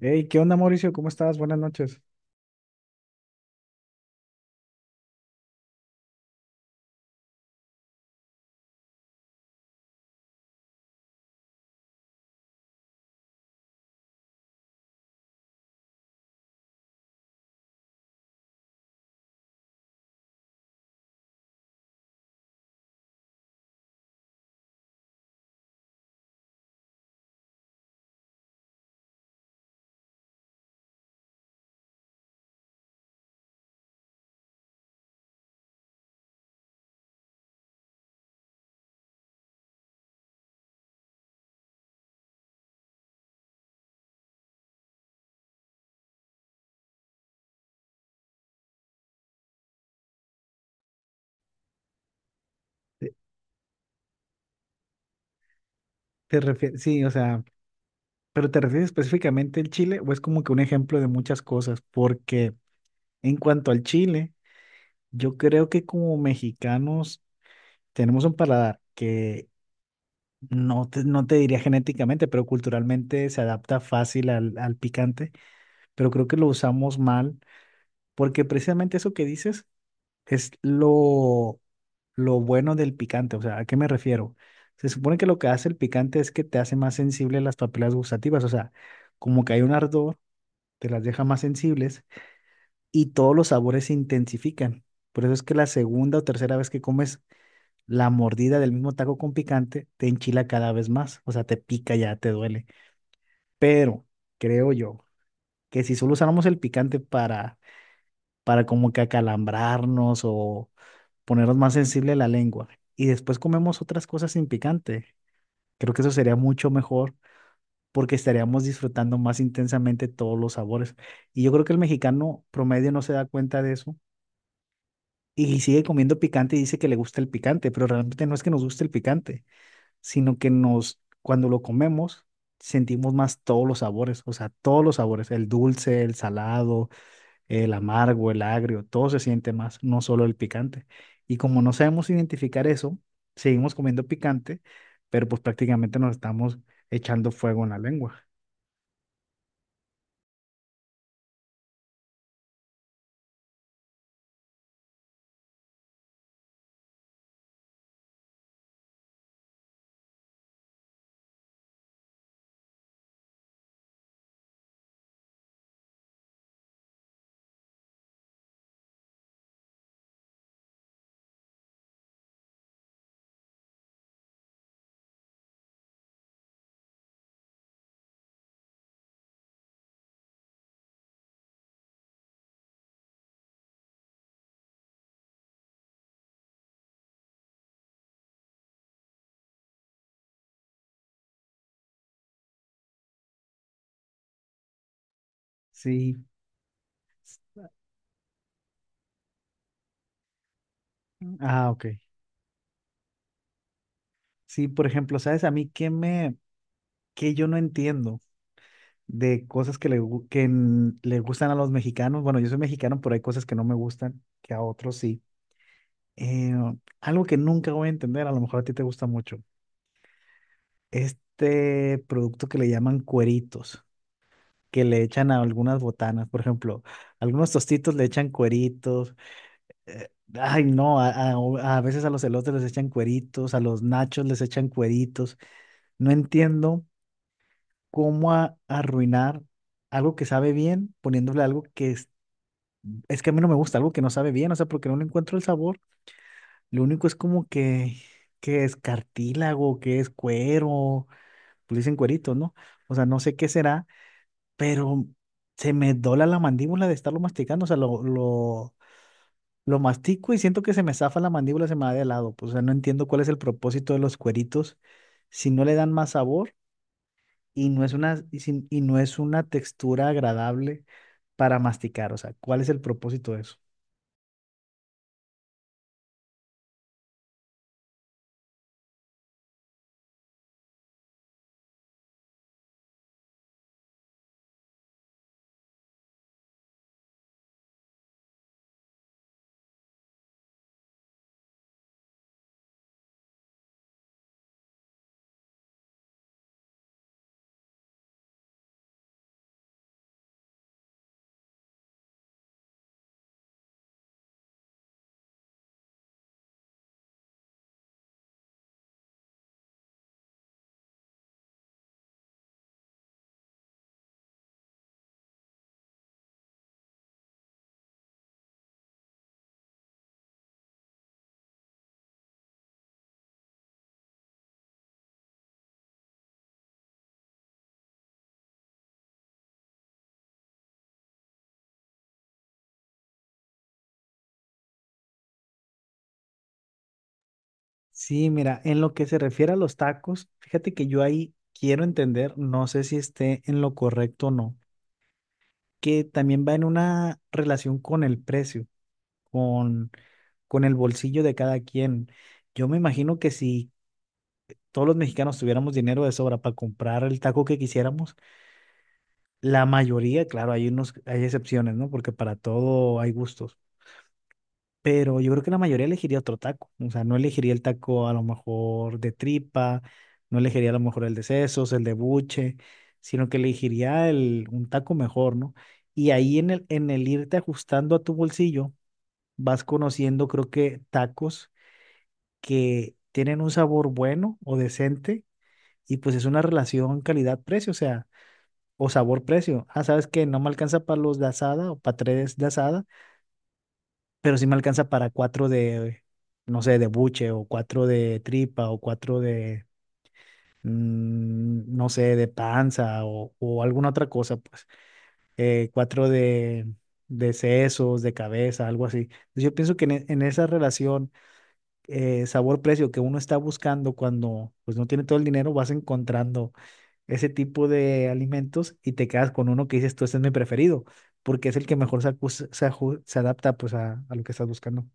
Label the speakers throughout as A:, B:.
A: Hey, ¿qué onda, Mauricio? ¿Cómo estás? Buenas noches. ¿Te, Sí, o sea, pero ¿te refieres específicamente al chile o es como que un ejemplo de muchas cosas? Porque en cuanto al chile, yo creo que como mexicanos tenemos un paladar que no te diría genéticamente, pero culturalmente se adapta fácil al picante, pero creo que lo usamos mal porque precisamente eso que dices es lo bueno del picante. O sea, ¿a qué me refiero? Se supone que lo que hace el picante es que te hace más sensible las papilas gustativas, o sea, como que hay un ardor, te las deja más sensibles y todos los sabores se intensifican. Por eso es que la segunda o tercera vez que comes la mordida del mismo taco con picante, te enchila cada vez más, o sea, te pica ya, te duele. Pero creo yo que si solo usáramos el picante para como que acalambrarnos o ponernos más sensible a la lengua y después comemos otras cosas sin picante. Creo que eso sería mucho mejor porque estaríamos disfrutando más intensamente todos los sabores. Y yo creo que el mexicano promedio no se da cuenta de eso y sigue comiendo picante y dice que le gusta el picante, pero realmente no es que nos guste el picante, sino que nos, cuando lo comemos, sentimos más todos los sabores, o sea, todos los sabores, el dulce, el salado, el amargo, el agrio, todo se siente más, no solo el picante. Y como no sabemos identificar eso, seguimos comiendo picante, pero pues prácticamente nos estamos echando fuego en la lengua. Sí, ah, ok. Sí, por ejemplo, ¿sabes a mí qué yo no entiendo de cosas que le gustan a los mexicanos? Bueno, yo soy mexicano, pero hay cosas que no me gustan, que a otros sí. Eh, Algo que nunca voy a entender, a lo mejor a ti te gusta mucho, este producto que le llaman cueritos, que le echan a algunas botanas. Por ejemplo, algunos tostitos le echan cueritos, eh, ay no, a veces a los elotes les echan cueritos, a los nachos les echan cueritos. No entiendo cómo arruinar algo que sabe bien poniéndole algo es que a mí no me gusta, algo que no sabe bien, o sea, porque no le encuentro el sabor. Lo único es que es cartílago, que es cuero, pues dicen cueritos, ¿no? O sea, no sé qué será, pero se me dobla la mandíbula de estarlo masticando, o sea, lo mastico y siento que se me zafa la mandíbula, se me va de lado, pues. O sea, no entiendo cuál es el propósito de los cueritos si no le dan más sabor y no es una, y no es una textura agradable para masticar. O sea, ¿cuál es el propósito de eso? Sí, mira, en lo que se refiere a los tacos, fíjate que yo ahí quiero entender, no sé si esté en lo correcto o no, que también va en una relación con el precio, con con el bolsillo de cada quien. Yo me imagino que si todos los mexicanos tuviéramos dinero de sobra para comprar el taco que quisiéramos, la mayoría, claro, hay unos, hay excepciones, ¿no? Porque para todo hay gustos. Pero yo creo que la mayoría elegiría otro taco. O sea, no elegiría el taco a lo mejor de tripa, no elegiría a lo mejor el de sesos, el de buche, sino que elegiría un taco mejor, ¿no? Y ahí en el irte ajustando a tu bolsillo, vas conociendo, creo que, tacos que tienen un sabor bueno o decente, y pues es una relación calidad-precio, o sea, o sabor-precio. Ah, sabes que no me alcanza para los de asada o para tres de asada, pero sí me alcanza para cuatro de, no sé, de buche o cuatro de tripa o cuatro de, mm, no sé, de panza o alguna otra cosa, pues cuatro de sesos, de cabeza, algo así. Entonces, yo pienso que en en esa relación, sabor-precio, que uno está buscando cuando pues no tiene todo el dinero, vas encontrando ese tipo de alimentos y te quedas con uno que dices, tú, este es mi preferido, porque es el que mejor se, acus- se aju- se adapta pues a lo que estás buscando.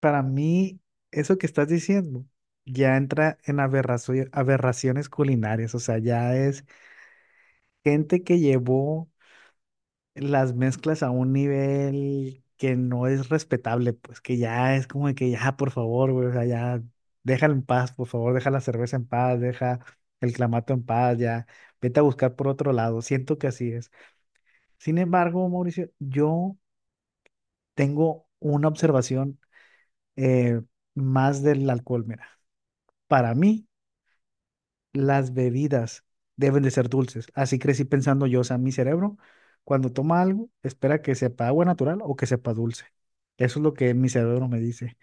A: Para mí, eso que estás diciendo ya entra en aberraciones culinarias. O sea, ya es gente que llevó las mezclas a un nivel que no es respetable, pues que ya es como de que ya, por favor, güey, o sea, ya déjala en paz, por favor, deja la cerveza en paz, deja el clamato en paz, ya, vete a buscar por otro lado, siento que así es. Sin embargo, Mauricio, yo tengo una observación, eh, más del alcohol. Mira, para mí, las bebidas deben de ser dulces. Así crecí pensando yo, o sea, mi cerebro, cuando toma algo, espera que sepa agua natural o que sepa dulce. Eso es lo que mi cerebro me dice.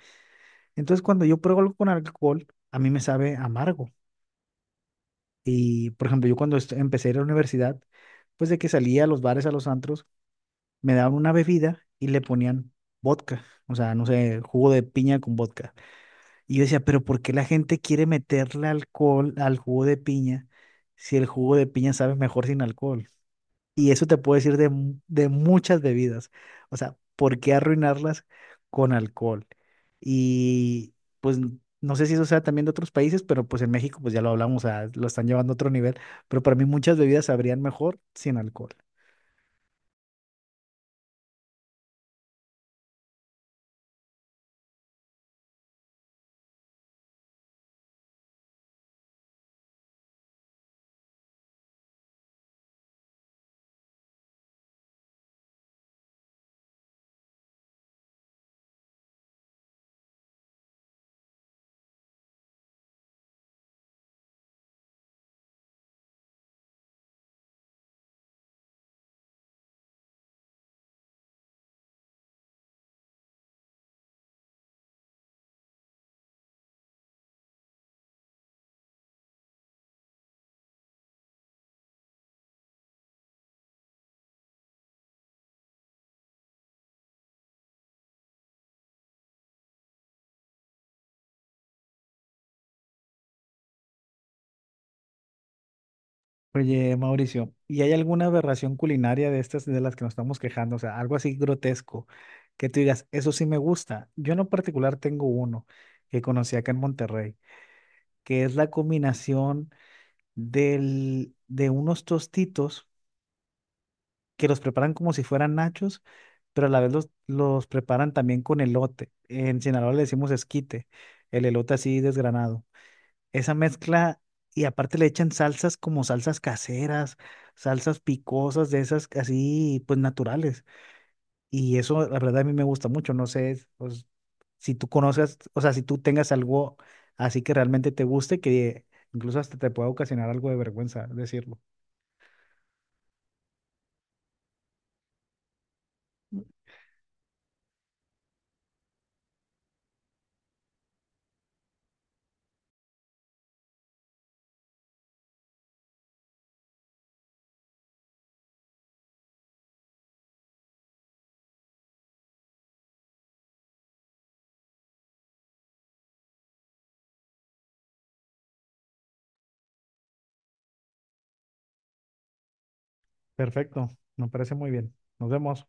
A: Entonces, cuando yo pruebo algo con alcohol, a mí me sabe amargo. Y, por ejemplo, yo cuando empecé a ir a la universidad, pues de que salía a los bares, a los antros, me daban una bebida y le ponían vodka. O sea, no sé, jugo de piña con vodka. Y yo decía, pero ¿por qué la gente quiere meterle alcohol al jugo de piña si el jugo de piña sabe mejor sin alcohol? Y eso te puedo decir de, de muchas bebidas. O sea, ¿por qué arruinarlas con alcohol? Y pues no sé si eso sea también de otros países, pero pues en México pues ya lo hablamos, o sea, lo están llevando a otro nivel. Pero para mí muchas bebidas sabrían mejor sin alcohol. Oye, Mauricio, ¿y hay alguna aberración culinaria de estas de las que nos estamos quejando? O sea, algo así grotesco, que tú digas, eso sí me gusta. Yo en lo particular tengo uno que conocí acá en Monterrey, que es la combinación del, de unos tostitos que los preparan como si fueran nachos, pero a la vez los preparan también con elote. En Sinaloa le decimos esquite, el elote así desgranado, esa mezcla, y aparte le echan salsas, como salsas caseras, salsas picosas de esas así pues naturales. Y eso la verdad a mí me gusta mucho, no sé, pues, si tú conozcas, o sea, si tú tengas algo así que realmente te guste, que incluso hasta te pueda ocasionar algo de vergüenza decirlo. Perfecto, me parece muy bien. Nos vemos.